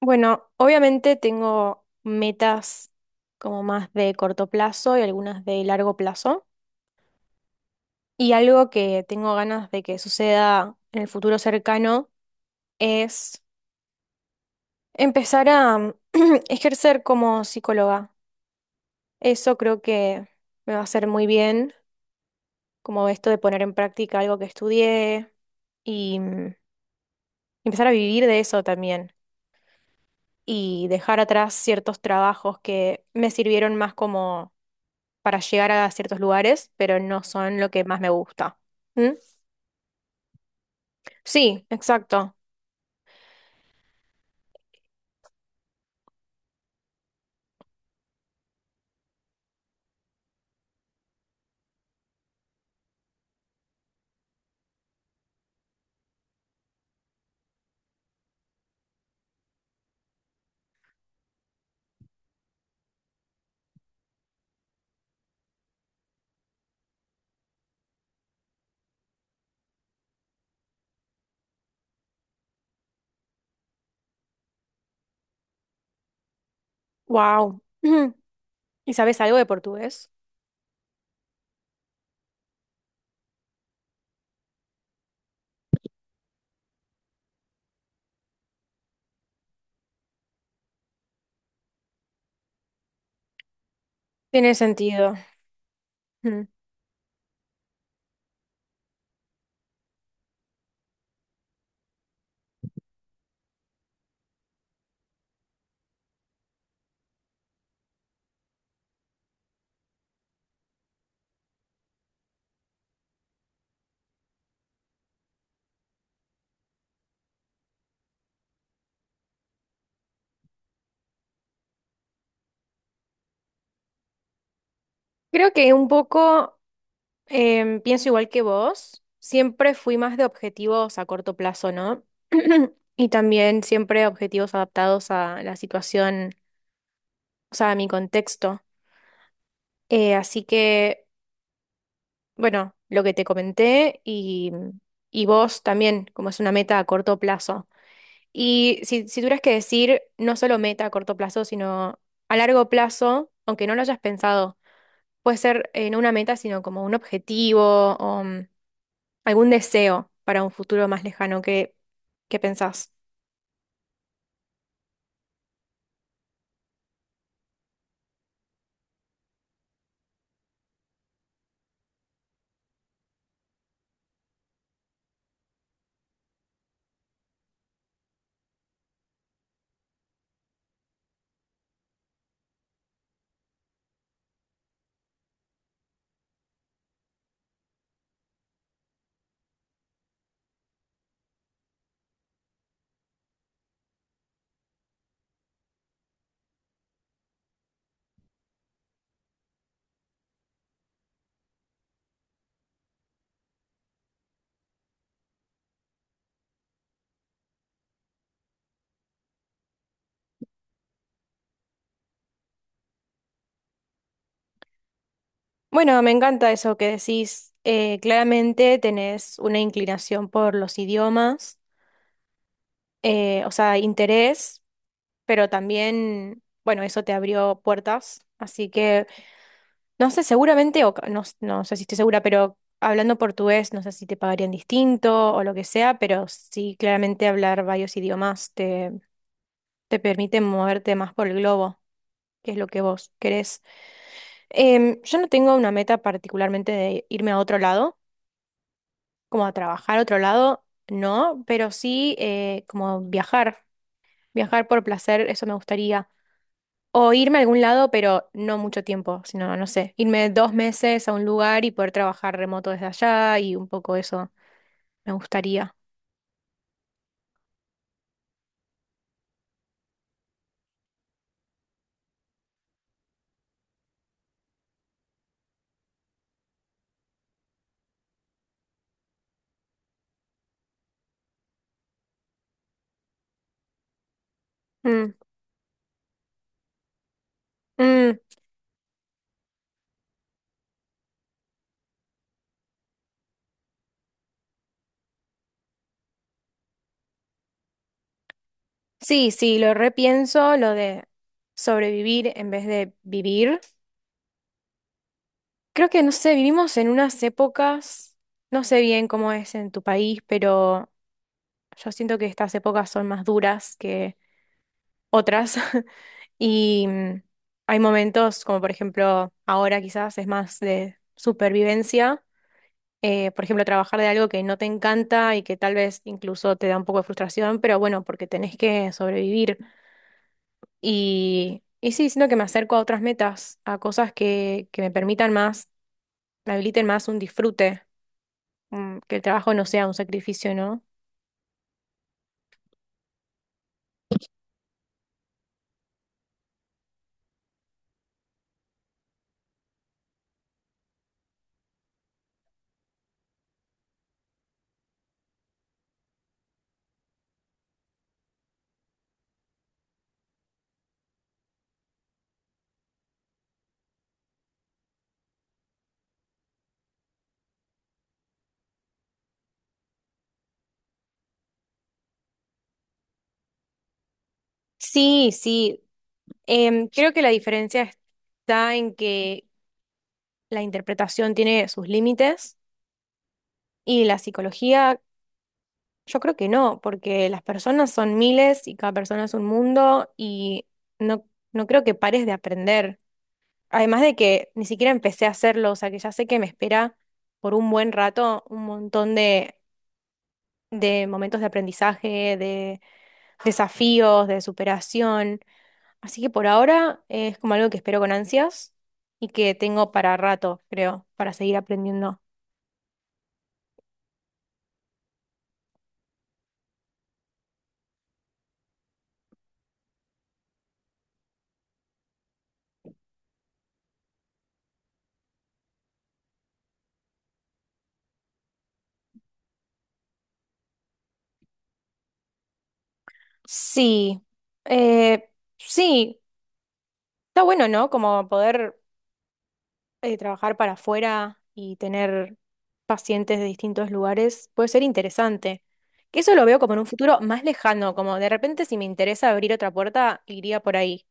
Bueno, obviamente tengo metas como más de corto plazo y algunas de largo plazo. Y algo que tengo ganas de que suceda en el futuro cercano es empezar a ejercer como psicóloga. Eso creo que me va a hacer muy bien, como esto de poner en práctica algo que estudié y empezar a vivir de eso también. Y dejar atrás ciertos trabajos que me sirvieron más como para llegar a ciertos lugares, pero no son lo que más me gusta. ¿Mm? Sí, exacto. Wow. ¿Y sabes algo de portugués? Tiene sentido. Mm. Creo que un poco pienso igual que vos. Siempre fui más de objetivos a corto plazo, ¿no? Y también siempre objetivos adaptados a la situación, o sea, a mi contexto. Así que, bueno, lo que te comenté y vos también, como es una meta a corto plazo. Y si tuvieras que decir no solo meta a corto plazo, sino a largo plazo, aunque no lo hayas pensado, puede ser no una meta, sino como un objetivo o algún deseo para un futuro más lejano que pensás. Bueno, me encanta eso que decís. Claramente tenés una inclinación por los idiomas, o sea, interés, pero también, bueno, eso te abrió puertas. Así que... No sé, seguramente, no, no sé si estoy segura, pero hablando portugués, no sé si te pagarían distinto o lo que sea, pero sí, claramente hablar varios idiomas te permite moverte más por el globo, que es lo que vos querés. Yo no tengo una meta particularmente de irme a otro lado, como a trabajar a otro lado, no, pero sí como viajar, viajar por placer, eso me gustaría. O irme a algún lado, pero no mucho tiempo, sino, no sé, irme dos meses a un lugar y poder trabajar remoto desde allá y un poco eso me gustaría. Mm, mm, sí, sí, lo repienso, lo de sobrevivir en vez de vivir. Creo que, no sé, vivimos en unas épocas, no sé bien cómo es en tu país, pero yo siento que estas épocas son más duras otras. Y hay momentos, como por ejemplo, ahora quizás es más de supervivencia. Por ejemplo, trabajar de algo que no te encanta y que tal vez incluso te da un poco de frustración, pero bueno, porque tenés que sobrevivir. Y sí, siento que me acerco a otras metas, a cosas que me permitan más, me habiliten más un disfrute, que el trabajo no sea un sacrificio, ¿no? Sí, sí. Creo que la diferencia está en que la interpretación tiene sus límites y la psicología, yo creo que no, porque las personas son miles y cada persona es un mundo y no, no creo que pares de aprender. Además de que ni siquiera empecé a hacerlo, o sea que ya sé que me espera por un buen rato un montón de momentos de aprendizaje, de desafíos, de superación. Así que por ahora es como algo que espero con ansias y que tengo para rato, creo, para seguir aprendiendo. Sí, eh, sí, está bueno, ¿no? Como poder trabajar para afuera y tener pacientes de distintos lugares puede ser interesante. Que eso lo veo como en un futuro más lejano, como de repente si me interesa abrir otra puerta, iría por ahí.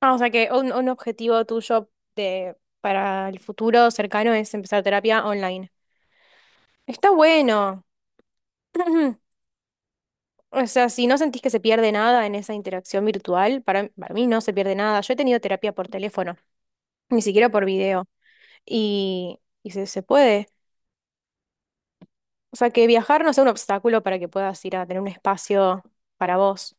Ah, o sea que un objetivo tuyo para el futuro cercano es empezar terapia online. Está bueno. O sea, si no sentís que se pierde nada en esa interacción virtual, para mí no se pierde nada. Yo he tenido terapia por teléfono, ni siquiera por video. Y se puede. O sea, que viajar no sea un obstáculo para que puedas ir a tener un espacio para vos.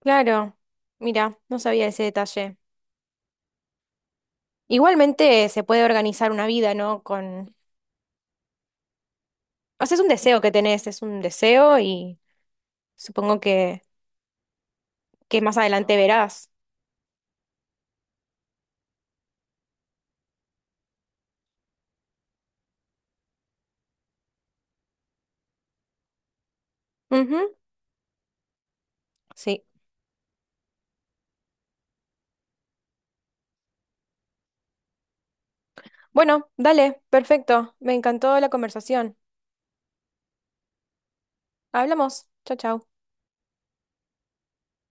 Claro, mira, no sabía ese detalle. Igualmente se puede organizar una vida, ¿no? Con... O sea, es un deseo que tenés, es un deseo y supongo que más adelante verás. Ujú, sí. Bueno, dale, perfecto. Me encantó la conversación. Hablamos. Chao, chao.